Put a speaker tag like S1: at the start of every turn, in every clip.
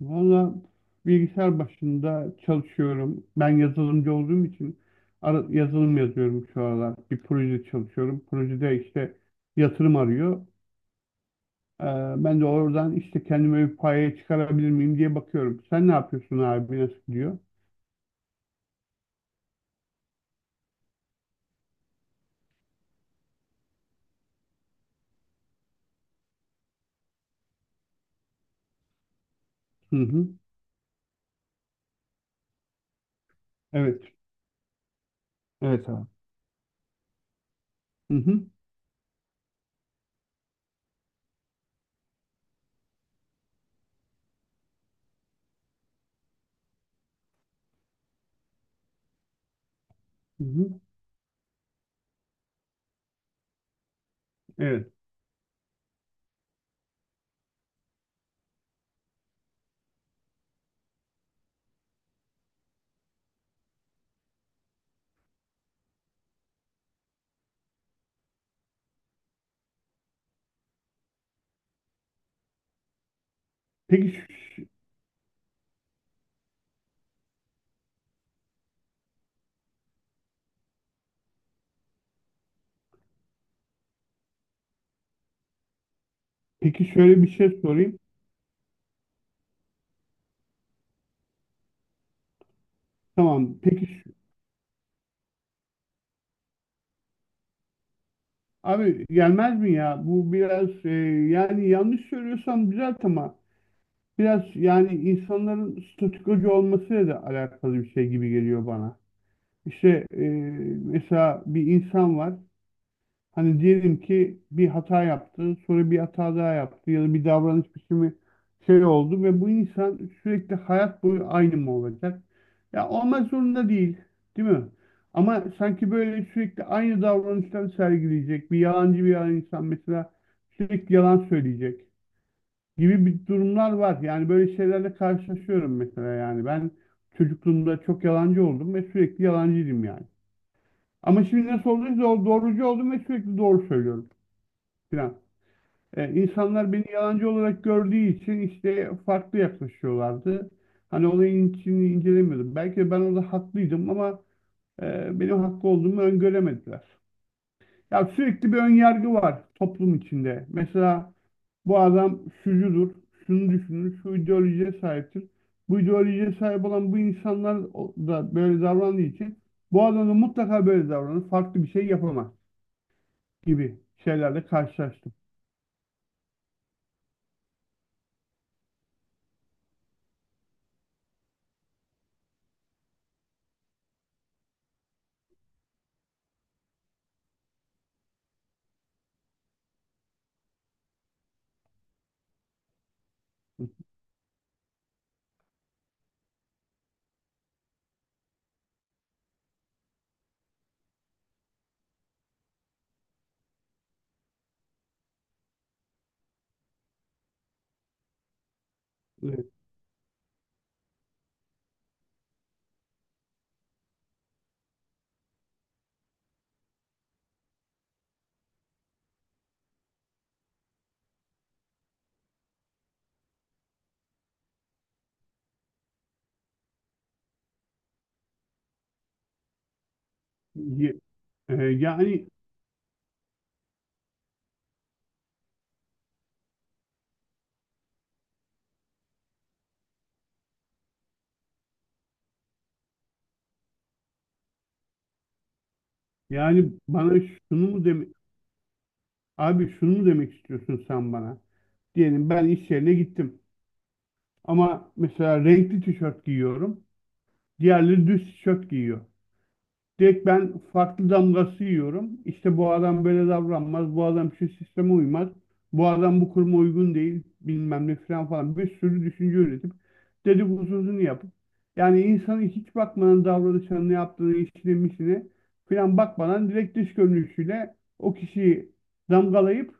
S1: Valla bilgisayar başında çalışıyorum. Ben yazılımcı olduğum için yazılım yazıyorum şu aralar. Bir proje çalışıyorum. Projede işte yatırım arıyor. Ee, Ben de oradan işte kendime bir paya çıkarabilir miyim diye bakıyorum. Sen ne yapıyorsun abi? Nasıl gidiyor? Hı hı. Evet. Evet abi. Hı hı. Hı hı. Evet. Peki ş- peki şöyle bir şey sorayım. Tamam. Abi gelmez mi ya? Bu biraz yani yanlış söylüyorsam düzelt ama biraz yani insanların statükocu olmasıyla da alakalı bir şey gibi geliyor bana. İşte, mesela bir insan var. Hani diyelim ki bir hata yaptı, sonra bir hata daha yaptı ya da bir davranış biçimi şey oldu ve bu insan sürekli hayat boyu aynı mı olacak? Ya olmak zorunda değil, değil mi? Ama sanki böyle sürekli aynı davranışları sergileyecek, bir yalancı bir insan mesela sürekli yalan söyleyecek gibi bir durumlar var. Yani böyle şeylerle karşılaşıyorum mesela yani. Ben çocukluğumda çok yalancı oldum ve sürekli yalancıydım yani. Ama şimdi nasıl olduysa o doğrucu oldum ve sürekli doğru söylüyorum filan. İnsanlar beni yalancı olarak gördüğü için işte farklı yaklaşıyorlardı. Hani olayın içini incelemiyordum. Belki de ben orada haklıydım ama benim haklı olduğumu öngöremediler. Ya sürekli bir önyargı var toplum içinde. Mesela bu adam şucudur, şunu düşünür, şu ideolojiye sahiptir. Bu ideolojiye sahip olan bu insanlar da böyle davrandığı için bu adam da mutlaka böyle davranır, farklı bir şey yapamaz gibi şeylerle karşılaştım. Evet. Ye- e, Yani yani bana şunu mu deme abi şunu mu demek istiyorsun sen bana? Diyelim ben iş yerine gittim ama mesela renkli tişört giyiyorum. Diğerleri düz tişört giyiyor. Direkt ben farklı damgası yiyorum. İşte bu adam böyle davranmaz, bu adam şu sisteme uymaz, bu adam bu kuruma uygun değil, bilmem ne falan falan bir sürü düşünce üretip dedikodusunu yapıp yani insanın hiç bakmadan davranışına, ne yaptığını, işine, misine falan bakmadan direkt dış görünüşüyle o kişiyi damgalayıp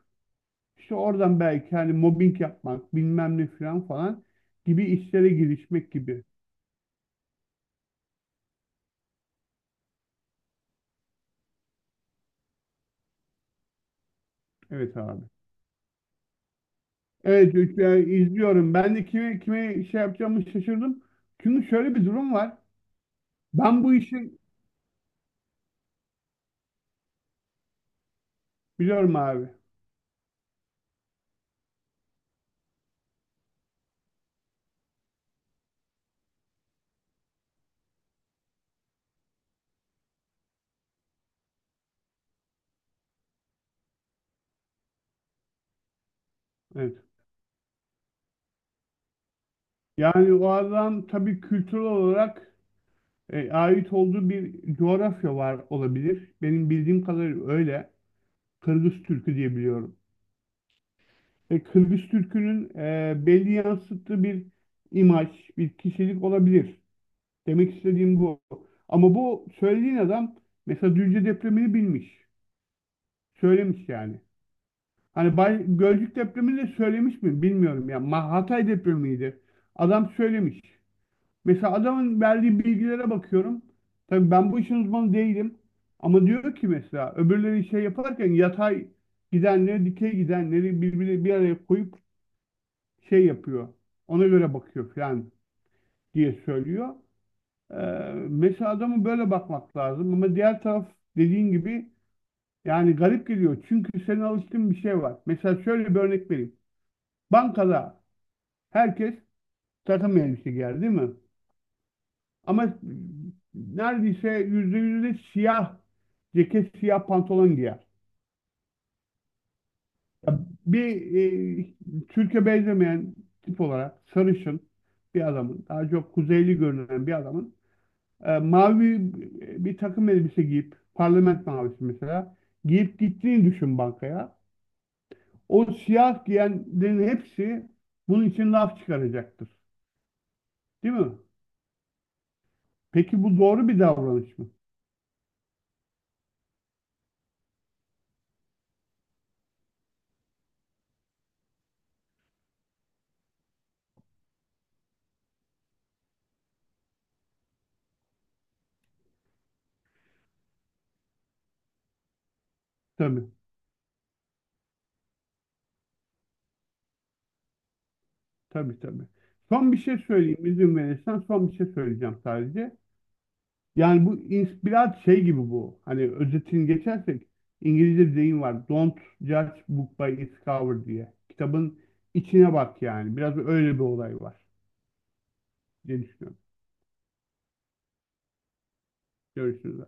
S1: işte oradan belki hani mobbing yapmak, bilmem ne falan falan gibi işlere girişmek gibi. Evet abi. Yani izliyorum. Ben de kime şey yapacağımı şaşırdım. Çünkü şöyle bir durum var. Ben bu işi biliyorum abi. Evet. Yani o adam tabii kültürel olarak ait olduğu bir coğrafya var olabilir. Benim bildiğim kadarıyla öyle. Kırgız Türkü diye biliyorum. Kırgız Türkü'nün, belli yansıttığı bir imaj, bir kişilik olabilir. Demek istediğim bu. Ama bu söylediğin adam mesela Düzce depremini bilmiş. Söylemiş yani. Hani Bay, Gölcük depremini de söylemiş mi bilmiyorum ya. Hatay depremiydi. Adam söylemiş. Mesela adamın verdiği bilgilere bakıyorum. Tabii ben bu işin uzmanı değilim. Ama diyor ki mesela öbürleri şey yaparken yatay gidenleri, dikey gidenleri birbirine bir araya koyup şey yapıyor. Ona göre bakıyor falan diye söylüyor. Ee, Mesela adamı böyle bakmak lazım. Ama diğer taraf dediğin gibi yani garip geliyor. Çünkü senin alıştığın bir şey var. Mesela şöyle bir örnek vereyim. Bankada herkes takım elbise giyer değil mi? Ama neredeyse yüzde siyah ceket, siyah pantolon giyer. Ya bir Türkiye benzemeyen tip olarak sarışın bir adamın, daha çok kuzeyli görünen bir adamın mavi bir takım elbise giyip, parlament mavisi mesela, giyip gittiğini düşün bankaya. O siyah giyenlerin hepsi bunun için laf çıkaracaktır. Değil mi? Peki bu doğru bir davranış mı? Tabii. Tabii, tabii. Son bir şey söyleyeyim izin verirsen, son bir şey söyleyeceğim sadece. Biraz şey gibi bu. Hani özetini geçersek İngilizce bir deyim var. Don't judge book by its cover diye. Kitabın içine bak yani. Biraz öyle bir olay var diye düşünüyorum. Görüşürüz.